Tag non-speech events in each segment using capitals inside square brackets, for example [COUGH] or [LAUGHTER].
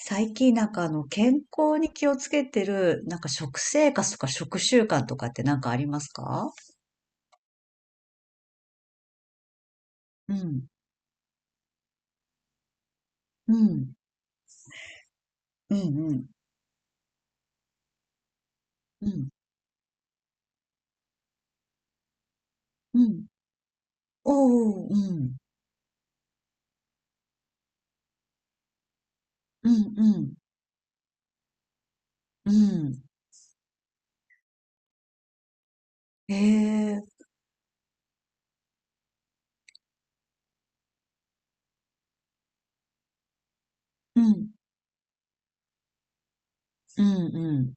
最近なんかあの健康に気をつけてるなんか食生活とか食習慣とかってなんかありますか？うん、うん、うん、うん、うん、うん。おー、うん、うん、うん、うん。ええ、うん、うん、うん、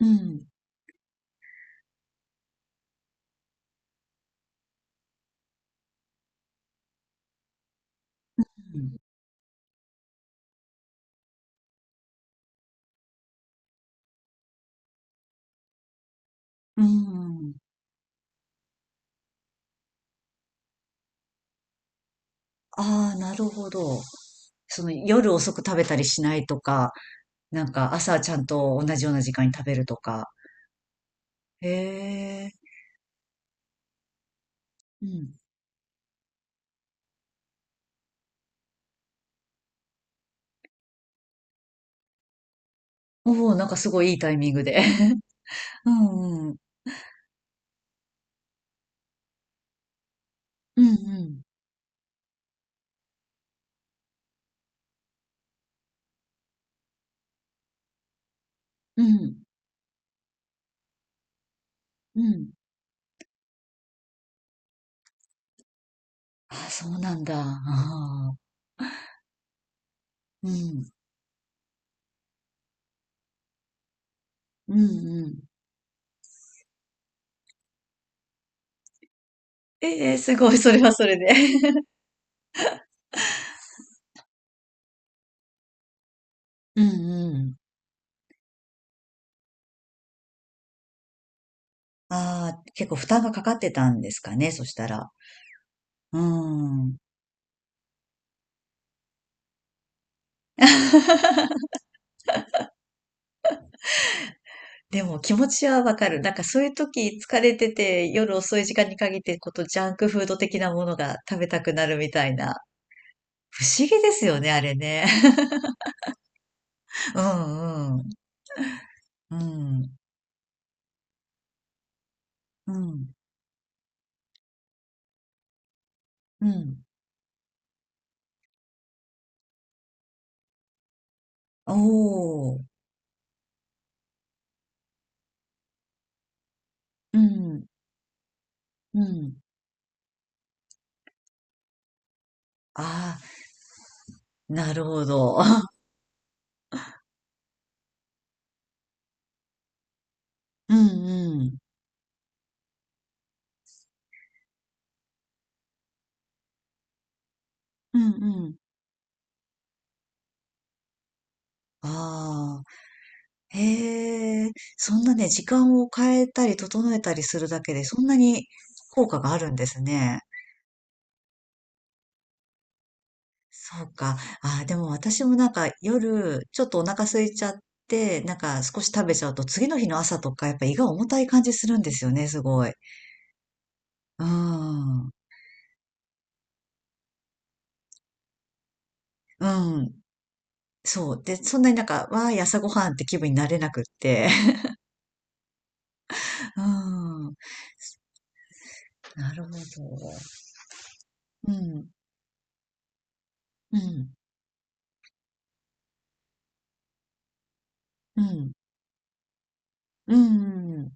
うん、うん。うん、ああ、なるほど。その夜遅く食べたりしないとか、なんか朝ちゃんと同じような時間に食べるとか。ええ、うん。おお、なんかすごいいいタイミングで。うんうん。うんうん。うん。うん。あ、そうなんだ。ああ。うん。うんうん。ええ、すごい、それはそれで。[LAUGHS] うんうん。ああ、結構負担がかかってたんですかね、そしたら。うん。でも気持ちはわかる。なんかそういう時疲れてて、夜遅い時間に限ってことジャンクフード的なものが食べたくなるみたいな。不思議ですよね、あれね。[LAUGHS] うんうん。うん。うん。うん。おお。うん。うん。ああ、なるほど。[LAUGHS] うんうん。うんうん。ああ、へえ、そんなね、時間を変えたり整えたりするだけで、そんなに効果があるんですね。そうか。ああ、でも私もなんか夜、ちょっとお腹空いちゃって、なんか少し食べちゃうと、次の日の朝とか、やっぱ胃が重たい感じするんですよね、すごい。うん。うん。そう。で、そんなになんか、わあ、朝ごはんって気分になれなくって。[LAUGHS] うん。なるほど。うん、うん、うん、うん、うん、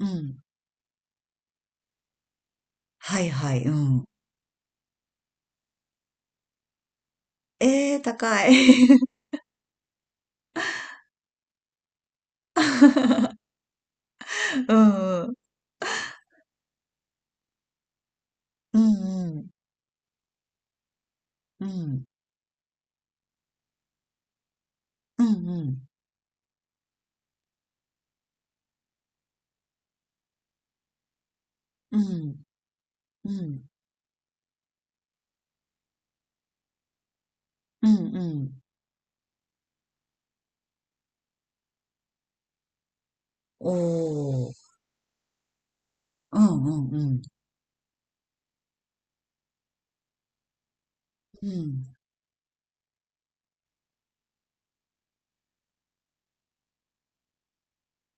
うん。はいはい、うん。ええ、高い。[LAUGHS] うん、うん、うん、うん、うん、うん、うん、うん、うん、うん。おー、うん、うん、うん、うん、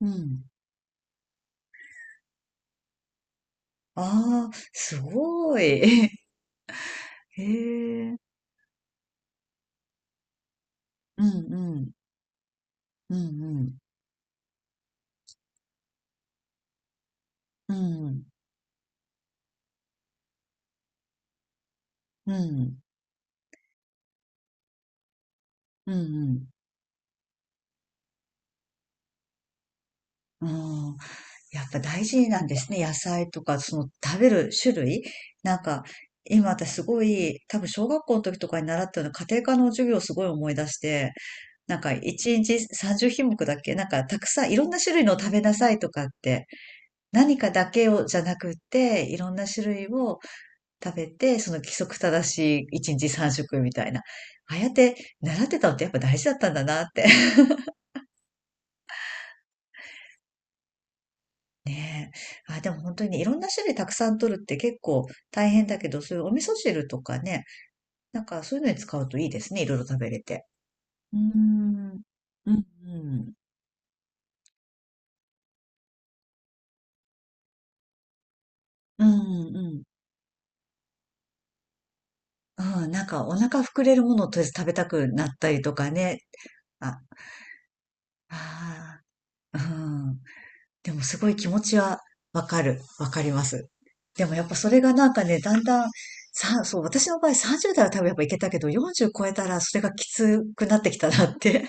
うん。ああ、すごい。[LAUGHS] へえ、うん、うん、うん、うん、うん、うん、うん、うん。ああ。やっぱ大事なんですね。野菜とか、その食べる種類。なんか、今私すごい、多分小学校の時とかに習ったような家庭科の授業をすごい思い出して、なんか1日30品目だっけなんかたくさんいろんな種類のを食べなさいとかって、何かだけをじゃなくって、いろんな種類を食べて、その規則正しい1日3食みたいな。ああやって習ってたのってやっぱ大事だったんだなって。ねえ。あ、でも本当にいろんな種類たくさん取るって結構大変だけど、そういうお味噌汁とかね、なんかそういうのに使うといいですね。いろいろ食べれて。うーん。うん、うん。うん、うん。うん、なんかお腹膨れるものをとりあえず食べたくなったりとかね。あ、ああ、うん。でもすごい気持ちはわかる。わかります。でもやっぱそれがなんかね、だんだん、そう、私の場合30代は多分やっぱいけたけど、40超えたらそれがきつくなってきたなって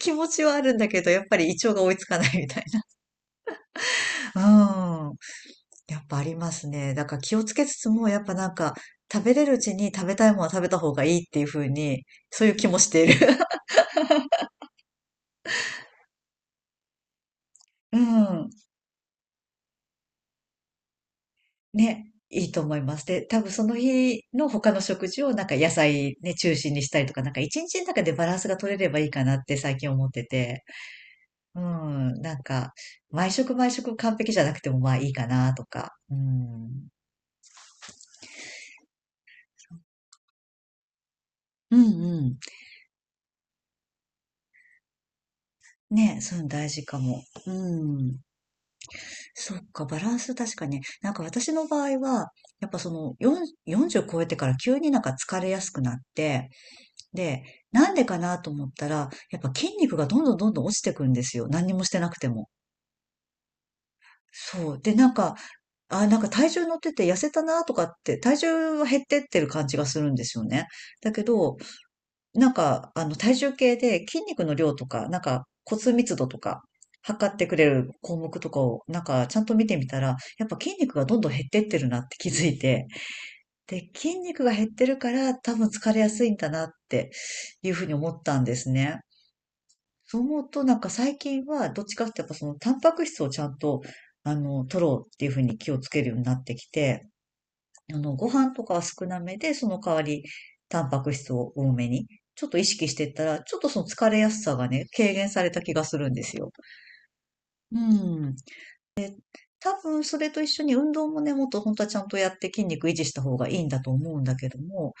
気持ちはあるんだけど、やっぱり胃腸が追いつかないみたいな。うん。やっぱありますね。だから気をつけつつも、やっぱなんか、食べれるうちに食べたいものは食べた方がいいっていう風に、そういう気もしている。[LAUGHS] うん。[LAUGHS] ね。いいと思います。で、多分その日の他の食事をなんか野菜ね、中心にしたりとか、なんか一日の中でバランスが取れればいいかなって最近思ってて。うん。なんか、毎食毎食完璧じゃなくてもまあいいかなとか。うん。うんうん。ね、そういうの大事かも。うん。そっか、バランス確かに。なんか私の場合は、やっぱその4、40超えてから急になんか疲れやすくなって、で、なんでかなと思ったら、やっぱ筋肉がどんどんどんどん落ちてくんですよ。何にもしてなくても。そう。で、なんか、あ、なんか体重乗ってて痩せたなとかって、体重は減ってってる感じがするんですよね。だけど、なんか、あの、体重計で筋肉の量とか、なんか骨密度とか、測ってくれる項目とかを、なんか、ちゃんと見てみたら、やっぱ筋肉がどんどん減ってってるなって気づいて、で、筋肉が減ってるから、多分疲れやすいんだなっていうふうに思ったんですね。そう思うと、なんか最近は、どっちかっていうと、やっぱその、タンパク質をちゃんと、あの、取ろうっていうふうに気をつけるようになってきて、あの、ご飯とかは少なめで、その代わり、タンパク質を多めに、ちょっと意識していったら、ちょっとその疲れやすさがね、軽減された気がするんですよ。うん。多分、それと一緒に運動もね、もっと本当はちゃんとやって筋肉維持した方がいいんだと思うんだけども、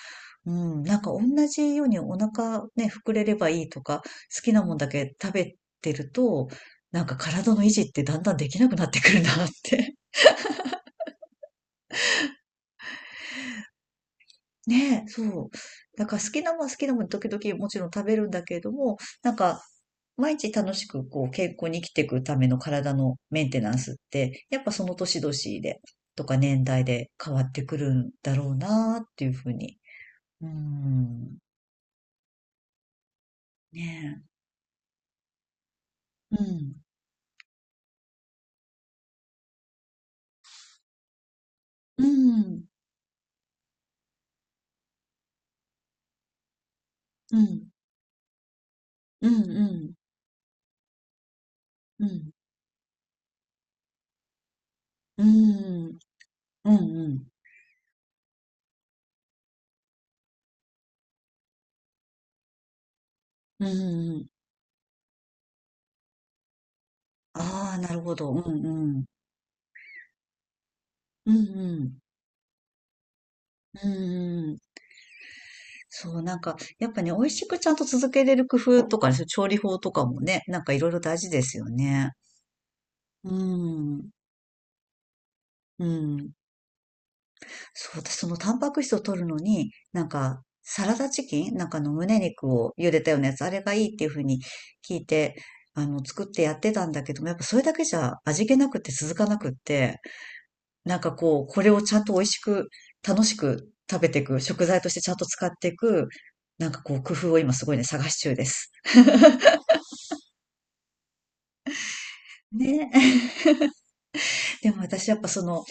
うん、なんか同じようにお腹ね、膨れればいいとか、好きなもんだけ食べてると、なんか体の維持ってだんだんできなくなってくるなって、ねえ、そう。だから好きなもん好きなもん時々もちろん食べるんだけれども、なんか毎日楽しくこう健康に生きていくための体のメンテナンスって、やっぱその年々でとか年代で変わってくるんだろうなっていうふうに。うーん。ねえ。うん。うん。うん。うん。うん。うん。うん。うん。うん。うん。ああ、なるほど。うん。うん。うん。うん。うん。そう、なんか、やっぱね、美味しくちゃんと続けれる工夫とかね、そう調理法とかもね、なんかいろいろ大事ですよね。うん。うん。そう、私そのタンパク質を取るのに、なんか、サラダチキンなんかあの胸肉を茹でたようなやつ、あれがいいっていうふうに聞いて、あの、作ってやってたんだけども、やっぱそれだけじゃ味気なくて続かなくって、なんかこう、これをちゃんと美味しく、楽しく食べていく、食材としてちゃんと使っていく、なんかこう、工夫を今すごいね、探し中です。ね。でも私やっぱその、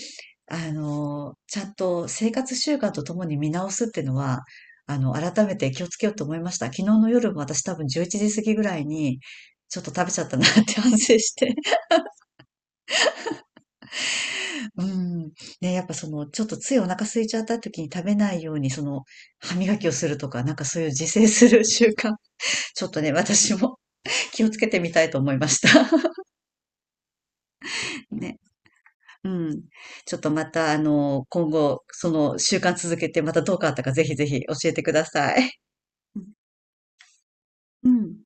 あの、ちゃんと生活習慣とともに見直すっていうのは、あの、改めて気をつけようと思いました。昨日の夜も私多分11時過ぎぐらいに、ちょっと食べちゃったなって [LAUGHS] 反省して。[LAUGHS] うん。ね、やっぱその、ちょっとついお腹空いちゃった時に食べないように、その、歯磨きをするとか、なんかそういう自制する習慣、ちょっとね、私も [LAUGHS] 気をつけてみたいと思いました。[LAUGHS] ね。うん。ちょっとまた、あの、今後、その習慣続けて、またどう変わったか、ぜひぜひ教えてください。うん。